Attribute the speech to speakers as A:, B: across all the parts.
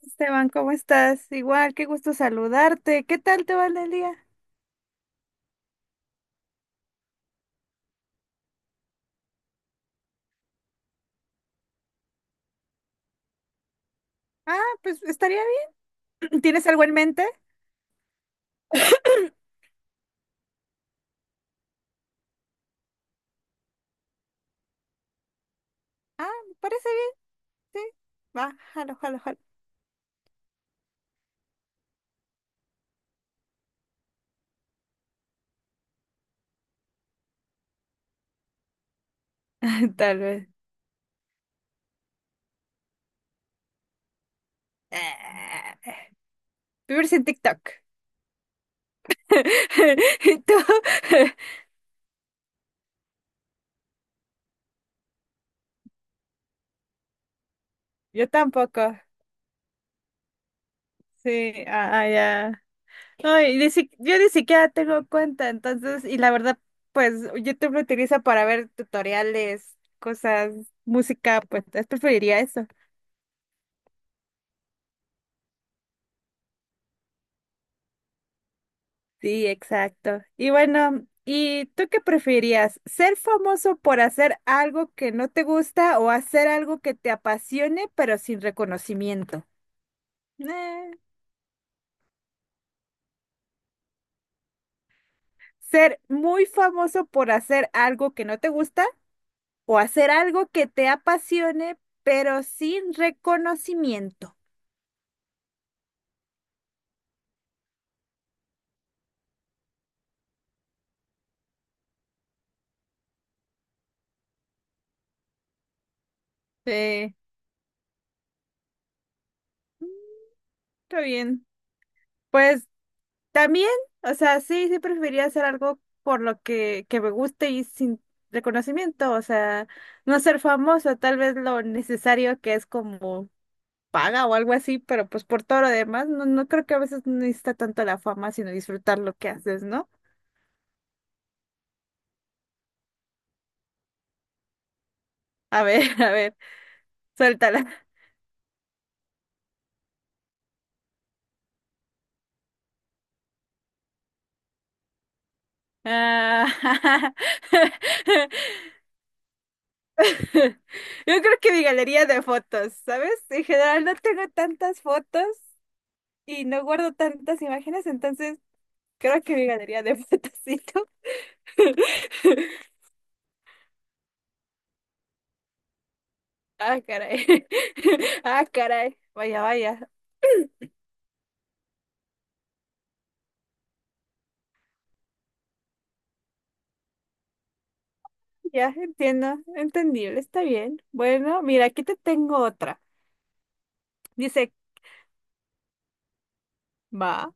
A: Esteban, ¿cómo estás? Igual, qué gusto saludarte. ¿Qué tal te va el día? Ah, pues estaría bien. ¿Tienes algo en mente? Ah, me parece bien, sí. Va, jalo, jalo, jalo. Tal vez. Ah, vives en TikTok. ¿Y tú? Yo tampoco. Sí, ah, ah, ya. No, y ni si- yo ni siquiera tengo cuenta, entonces, y la verdad, pues YouTube lo utilizo para ver tutoriales, cosas, música, pues entonces preferiría eso. Sí, exacto. Y bueno, ¿y tú qué preferirías? ¿Ser famoso por hacer algo que no te gusta o hacer algo que te apasione pero sin reconocimiento? Eh, ¿Ser muy famoso por hacer algo que no te gusta o hacer algo que te apasione pero sin reconocimiento? Sí, está bien. Pues también, o sea, sí preferiría hacer algo por lo que me guste y sin reconocimiento, o sea, no ser famoso, tal vez lo necesario que es como paga o algo así, pero pues por todo lo demás, no, no creo que a veces no necesita tanto la fama, sino disfrutar lo que haces, ¿no? A ver, a ver, suéltala. Ah, yo creo que mi galería de fotos, ¿sabes? En general no tengo tantas fotos y no guardo tantas imágenes, entonces... Creo que me ganaría de patacito. Ah, caray. Ah, caray. Vaya, vaya. Ya entiendo. Entendible. Está bien. Bueno, mira, aquí te tengo otra. Dice, va.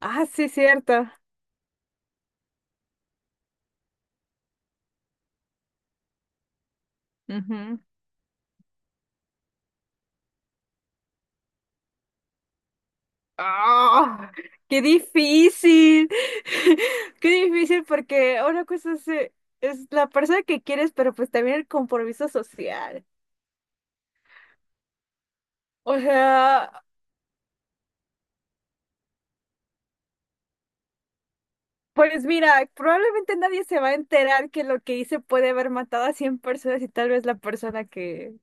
A: Ah, sí, cierto. Ujú. ¡Ah! ¡Qué difícil! ¡Qué difícil! Porque una cosa es la persona que quieres, pero pues también el compromiso social. O sea. Pues mira, probablemente nadie se va a enterar que lo que hice puede haber matado a 100 personas y tal vez la persona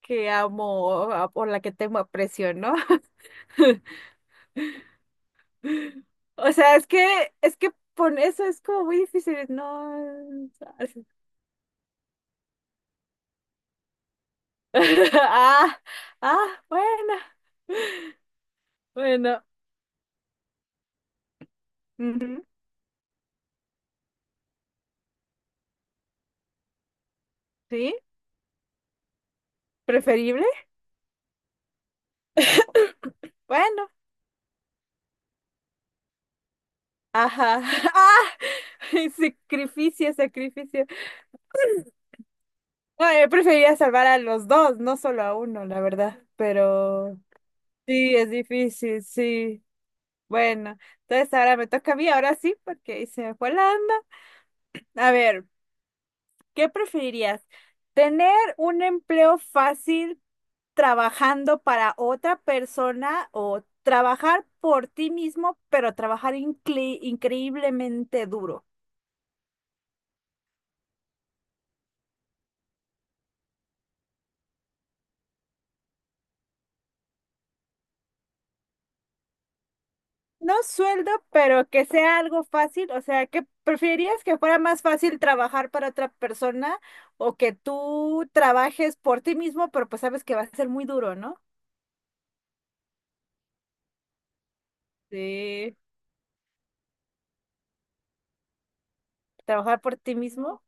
A: que amo o la que tengo aprecio, ¿no? O sea, es que por eso es como muy difícil, no. Ah, ah, bueno. Ujú, ¿sí? ¿Preferible? Bueno, ajá. Ah, sacrificio, sacrificio. No, yo preferiría salvar a los dos, no solo a uno, la verdad. Pero sí, es difícil, sí. Bueno, entonces ahora me toca a mí, ahora sí, porque ahí se me fue la onda. A ver, ¿qué preferirías? ¿Tener un empleo fácil trabajando para otra persona o trabajar por ti mismo, pero trabajar increíblemente duro? No sueldo, pero que sea algo fácil. O sea, ¿que preferirías que fuera más fácil trabajar para otra persona o que tú trabajes por ti mismo, pero pues sabes que va a ser muy duro, ¿no? Sí. Trabajar por ti mismo.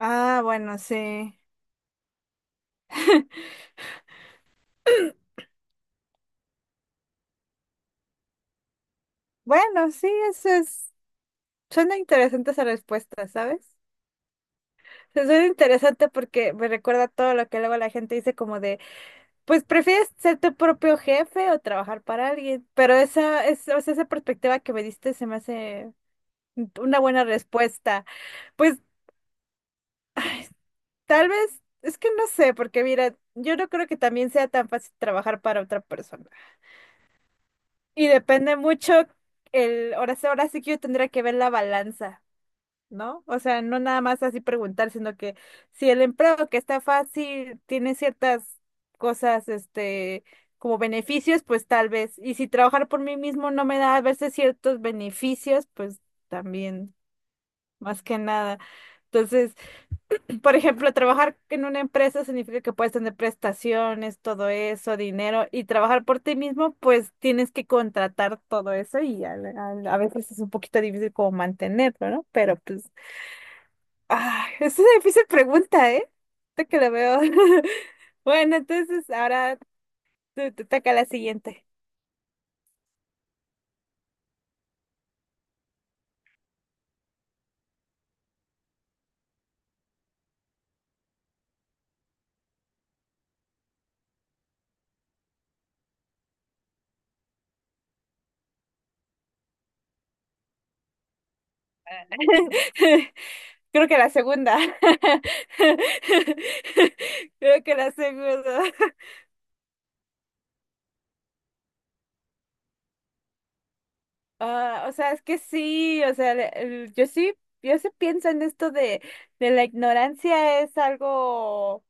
A: Ah, bueno, sí. Bueno, sí, eso es. Suena interesante esa respuesta, ¿sabes? Se Suena interesante porque me recuerda todo lo que luego la gente dice como de pues prefieres ser tu propio jefe o trabajar para alguien, pero o sea, esa perspectiva que me diste se me hace una buena respuesta. Pues tal vez, es que no sé, porque mira, yo no creo que también sea tan fácil trabajar para otra persona. Y depende mucho el, ahora sí que yo tendría que ver la balanza. ¿No? O sea, no nada más así preguntar, sino que si el empleo que está fácil tiene ciertas cosas, este, como beneficios, pues tal vez. Y si trabajar por mí mismo no me da a veces ciertos beneficios, pues también, más que nada. Entonces, por ejemplo, trabajar en una empresa significa que puedes tener prestaciones, todo eso, dinero, y trabajar por ti mismo, pues tienes que contratar todo eso y a veces es un poquito difícil como mantenerlo, ¿no? Pero pues ah, es una difícil pregunta, ¿eh? Ahorita que la veo. Bueno, entonces ahora te toca la siguiente. Creo que la segunda. Creo que la segunda. Ah, o sea, es que sí, o sea, yo sí, yo sí pienso en esto de la ignorancia es algo,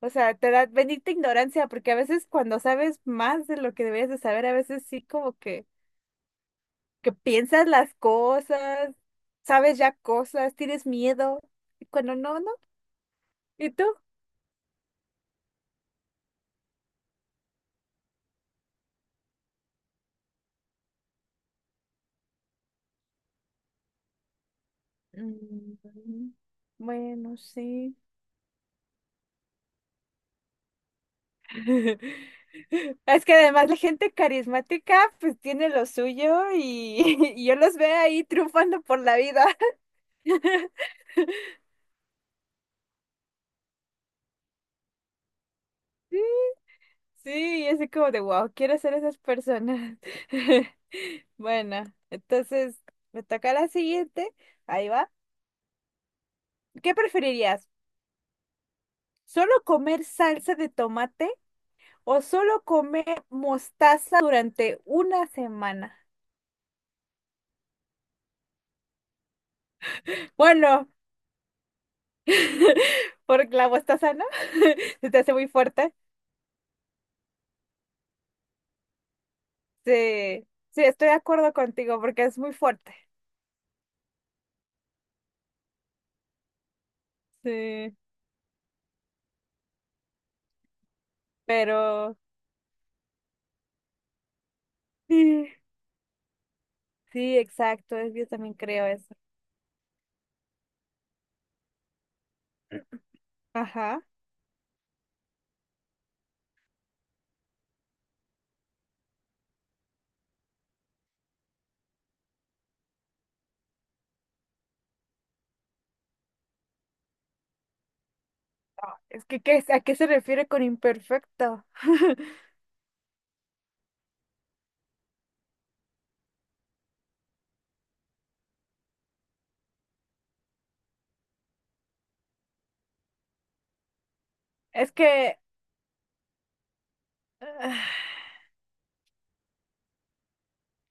A: o sea, te da bendita ignorancia, porque a veces cuando sabes más de lo que deberías de saber, a veces sí como que piensas las cosas, sabes ya cosas, tienes miedo, y cuando no, no. ¿Y tú? Mm, bueno, sí. Es que además la gente carismática pues tiene lo suyo y, y yo los veo ahí triunfando por la vida. Sí, sí, y así como de wow, quiero ser esas personas. Bueno, entonces me toca la siguiente. Ahí va. ¿Qué preferirías? ¿Solo comer salsa de tomate o solo comer mostaza durante una semana? Bueno, porque la mostaza, ¿no? Se te hace muy fuerte. Sí, sí, estoy de acuerdo contigo porque es muy fuerte. Sí, pero sí, sí, exacto, yo también creo eso. Ajá. Ah, es que, ¿qué es- ¿a qué se refiere con imperfecto? Es que, ah,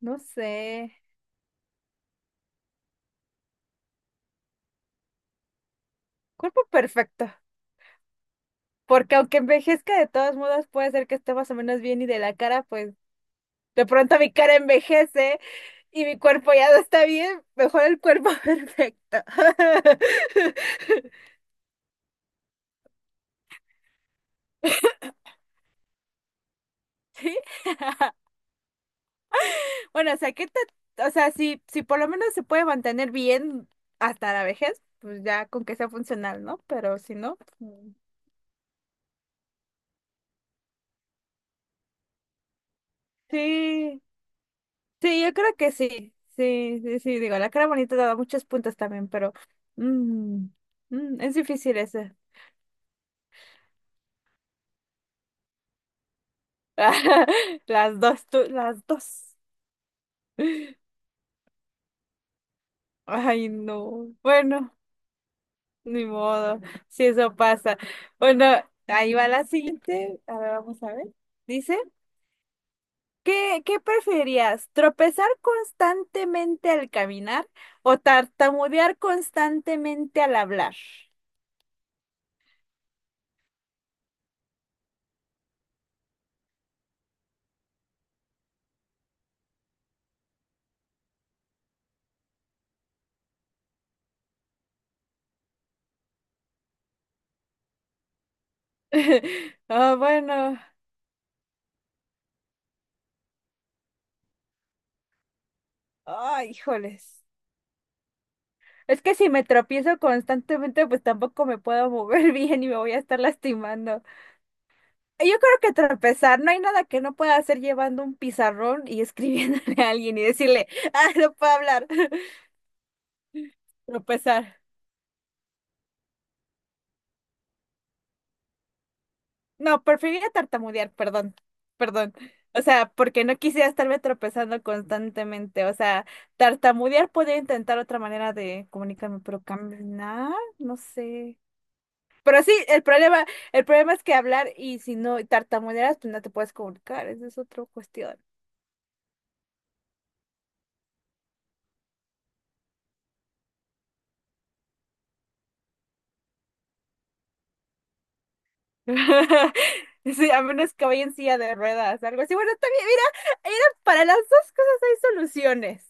A: no sé, cuerpo perfecto. Porque aunque envejezca de todos modos puede ser que esté más o menos bien y de la cara, pues de pronto mi cara envejece y mi cuerpo ya no está bien, mejor el cuerpo perfecto. Sí. Bueno, o sea, ¿qué te- o sea, si, si por lo menos se puede mantener bien hasta la vejez, pues ya con que sea funcional, ¿no? Pero si no, pues, sí, sí, yo creo que sí, sí, sí, sí, digo, la cara bonita te da muchos puntos también, pero mm, mm, es difícil ese. Las dos, tú, las dos. Ay, no. Bueno. Ni modo, si eso pasa. Bueno, ahí va la siguiente. A ver, vamos a ver. Dice, ¿qué, qué preferías? ¿Tropezar constantemente al caminar o tartamudear constantemente al hablar? Ah, bueno. Ay, híjoles. Es que si me tropiezo constantemente, pues tampoco me puedo mover bien y me voy a estar lastimando. Yo creo que tropezar, no hay nada que no pueda hacer llevando un pizarrón y escribiéndole a alguien y decirle, ah, no puedo hablar. Tropezar. No, preferiría tartamudear, perdón, perdón. O sea, porque no quisiera estarme tropezando constantemente. O sea, tartamudear podría intentar otra manera de comunicarme, pero caminar, no sé. Pero sí, el problema es que hablar y si no tartamudeas, pues no te puedes comunicar. Esa es otra cuestión. Sí, a menos que vaya en silla de ruedas, algo así. Bueno, está bien, mira, mira, para las dos cosas hay soluciones.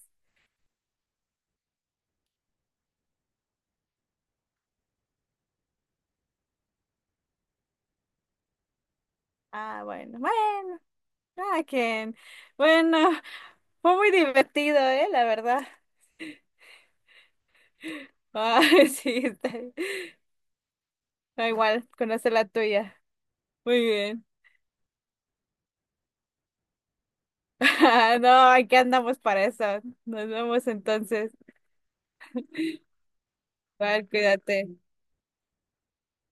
A: Ah, bueno, cada quien. Bueno, fue muy divertido, ¿eh? La verdad. Ay, sí, está bien. Da igual, conocer la tuya. Muy bien. No, aquí andamos para eso. Nos vemos entonces. Igual, cuídate.